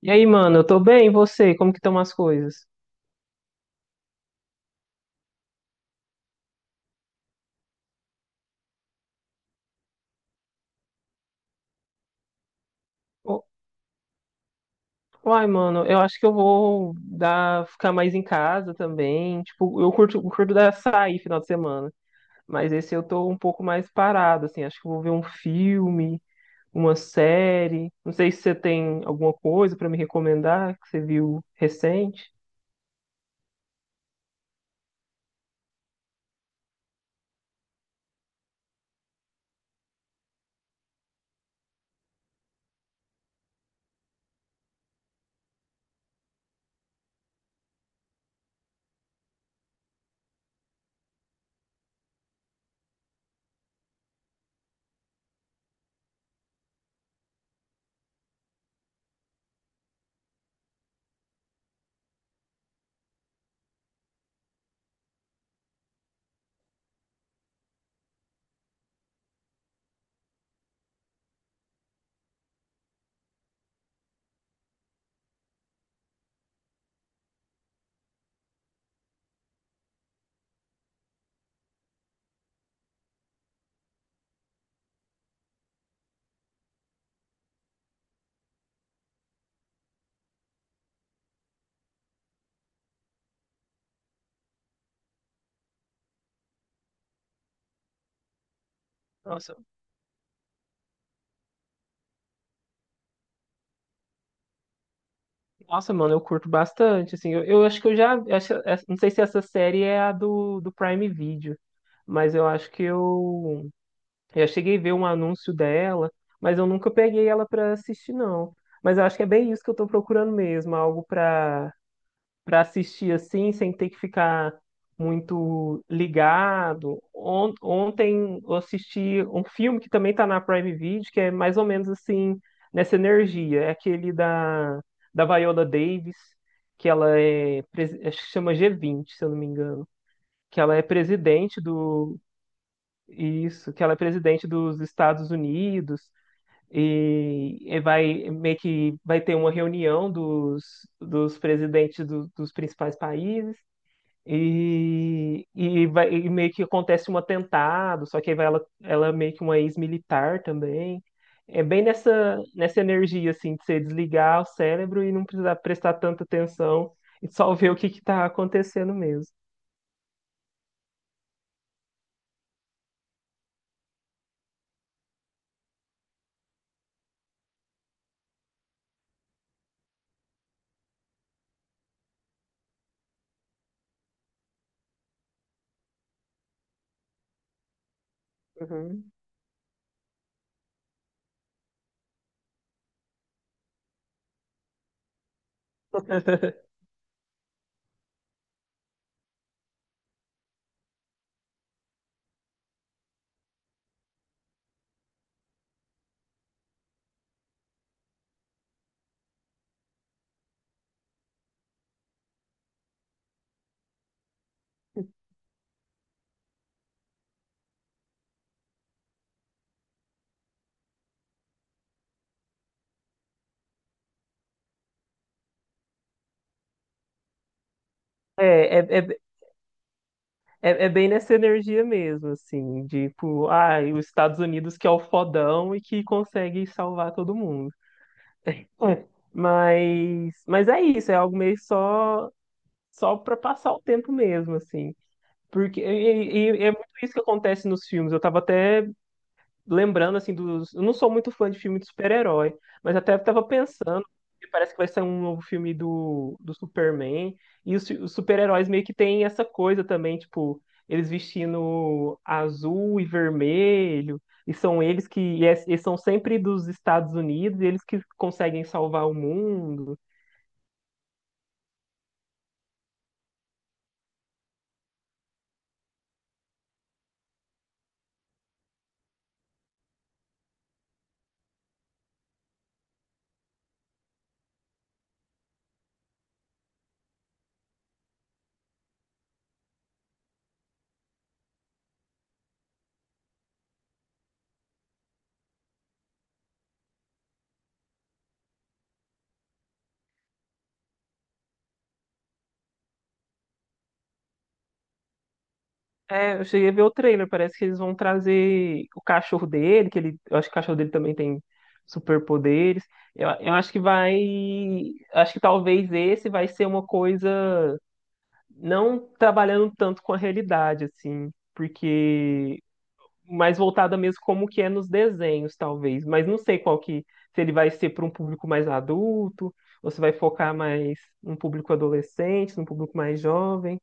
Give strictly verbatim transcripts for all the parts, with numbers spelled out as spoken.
E aí, mano, eu tô bem, e você? Como que estão as coisas? Ô, Uai, mano, eu acho que eu vou dar, ficar mais em casa também. Tipo, eu curto, curto dar sair final de semana, mas esse eu tô um pouco mais parado, assim. Acho que eu vou ver um filme, uma série. Não sei se você tem alguma coisa pra me recomendar que você viu recente. Nossa, nossa, mano, eu curto bastante, assim. Eu, eu acho que eu já, acho- é, não sei se essa série é a do, do Prime Video, mas eu acho que eu eu cheguei a ver um anúncio dela, mas eu nunca peguei ela pra assistir, não. Mas eu acho que é bem isso que eu tô procurando mesmo, algo pra para assistir assim, sem ter que ficar muito ligado. On- Ontem eu assisti um filme que também tá na Prime Video, que é mais ou menos assim, nessa energia. É aquele da, da Viola Davis, que ela é, presi- acho que chama G vinte, se eu não me engano. Que ela é presidente do, Isso, que ela é presidente dos Estados Unidos e, e vai meio que vai ter uma reunião dos, dos presidentes do- dos principais países e, e, vai, e meio que acontece um atentado, só que aí vai ela, ela é meio que uma ex-militar também. É bem nessa, nessa energia assim de você desligar o cérebro e não precisar prestar tanta atenção e só ver o que está acontecendo mesmo. Uhum. É, é, É, é bem nessa energia mesmo, assim, tipo, ai, os Estados Unidos que é o fodão e que consegue salvar todo mundo. Mas, mas é isso, é algo meio só, só para passar o tempo mesmo, assim. Porque e, e- e é muito isso que acontece nos filmes. Eu tava até lembrando, assim, dos. Eu não sou muito fã de filme de super-herói, mas até tava pensando, que parece que vai sair um novo filme do, do Superman, e os, os super-heróis meio que têm essa coisa também, tipo, eles vestindo azul e vermelho, e são eles que. E é- eles são sempre dos Estados Unidos, e eles que conseguem salvar o mundo. É, eu cheguei a ver o trailer, parece que eles vão trazer o cachorro dele, que ele, eu acho que o cachorro dele também tem superpoderes. Eu, eu acho que vai, acho que talvez esse vai ser uma coisa não trabalhando tanto com a realidade assim, porque mais voltada mesmo como que é nos desenhos, talvez, mas não sei qual que se ele vai ser para um público mais adulto ou se vai focar mais num público adolescente, num público mais jovem.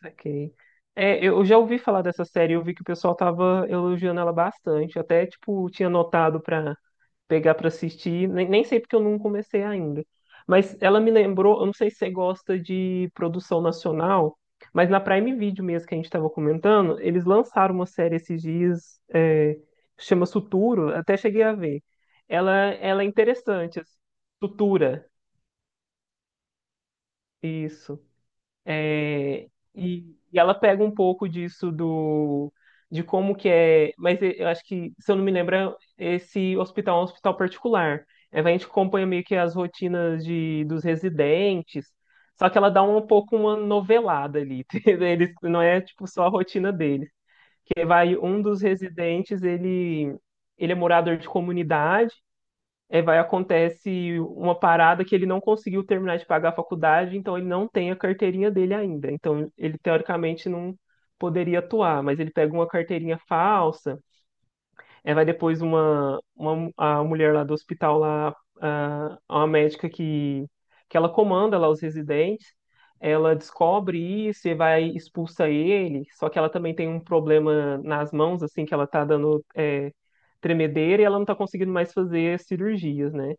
Saquei. É, eu já ouvi falar dessa série, eu vi que o pessoal tava elogiando ela bastante. Até, tipo, tinha anotado pra pegar pra assistir. Nem, nem sei porque eu não comecei ainda. Mas ela me lembrou, eu não sei se você gosta de produção nacional, mas na Prime Video mesmo que a gente tava comentando, eles lançaram uma série esses dias, é, chama Suturo, até cheguei a ver. Ela, ela é interessante, assim. Sutura, isso. É, e, e ela pega um pouco disso do de como que é, mas eu acho que, se eu não me lembro, esse hospital é um hospital particular. É, a gente acompanha meio que as rotinas de, dos residentes, só que ela dá um pouco uma novelada ali, entendeu? Eles, não é tipo só a rotina deles. Que vai um dos residentes, ele ele é morador de comunidade é, vai acontece uma parada que ele não conseguiu terminar de pagar a faculdade, então ele não tem a carteirinha dele ainda. Então ele teoricamente não poderia atuar, mas ele pega uma carteirinha falsa, é, vai depois uma, uma a mulher lá do hospital lá, a, uma médica que, que ela comanda lá os residentes, ela descobre isso e vai expulsa ele, só que ela também tem um problema nas mãos, assim, que ela tá dando é, tremedeira e ela não tá conseguindo mais fazer cirurgias, né?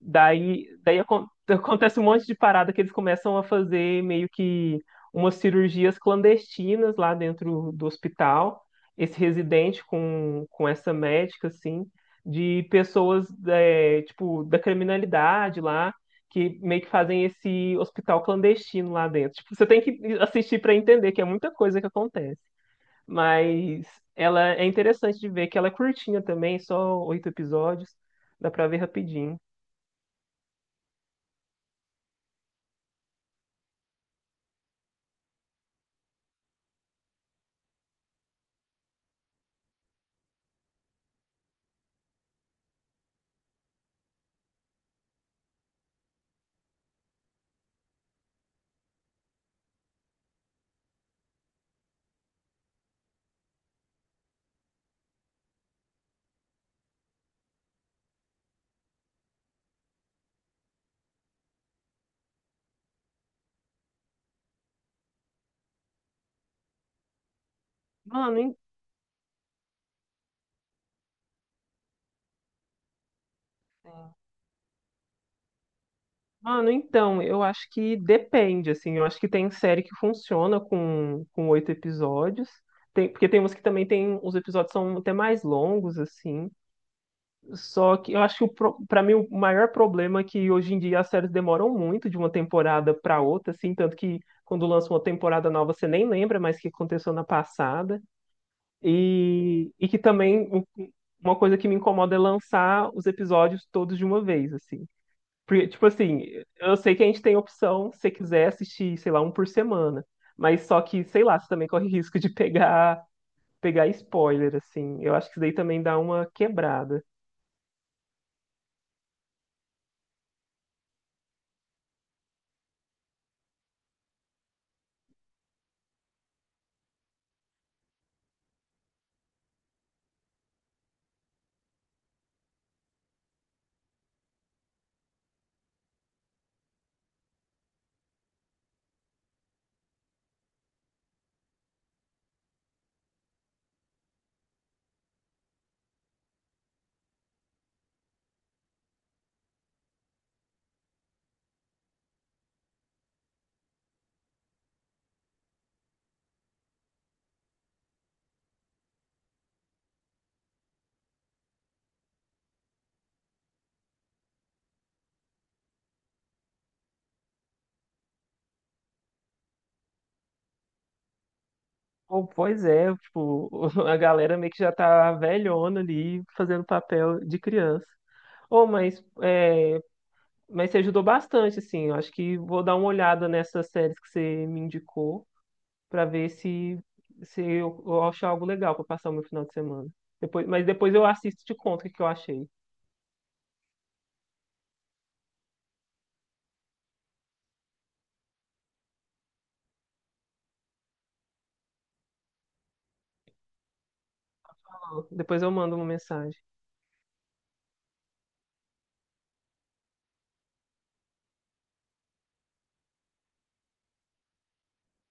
Daí, daí acon- acontece um monte de parada que eles começam a fazer meio que umas cirurgias clandestinas lá dentro do hospital. Esse residente com, com essa médica, assim, de pessoas, é, tipo, da criminalidade lá, que meio que fazem esse hospital clandestino lá dentro. Tipo, você tem que assistir para entender que é muita coisa que acontece. Mas ela é interessante de ver que ela é curtinha também, só oito episódios, dá pra ver rapidinho. Mano, Mano, então, eu acho que depende, assim, eu acho que tem série que funciona com com oito episódios, tem, porque tem umas que também tem, os episódios são até mais longos, assim, só que eu acho que o pro- pra mim o maior problema é que hoje em dia as séries demoram muito de uma temporada pra outra, assim, tanto que quando lança uma temporada nova você nem lembra mais o que aconteceu na passada, e, e que também um- uma coisa que me incomoda é lançar os episódios todos de uma vez, assim. Porque, tipo assim, eu sei que a gente tem opção se você quiser assistir, sei lá, um por semana. Mas só que, sei lá, você também corre risco de pegar, pegar spoiler, assim. Eu acho que isso daí também dá uma quebrada. Pô, pois é, tipo, a galera meio que já tá velhona ali, fazendo papel de criança. Ô, mas, é, mas você ajudou bastante, assim. Eu acho que vou dar uma olhada nessas séries que você me indicou, para ver se, se eu, eu acho algo legal para passar o meu final de semana. Depois, mas depois eu assisto e te conto o que que eu achei. Depois eu mando uma mensagem.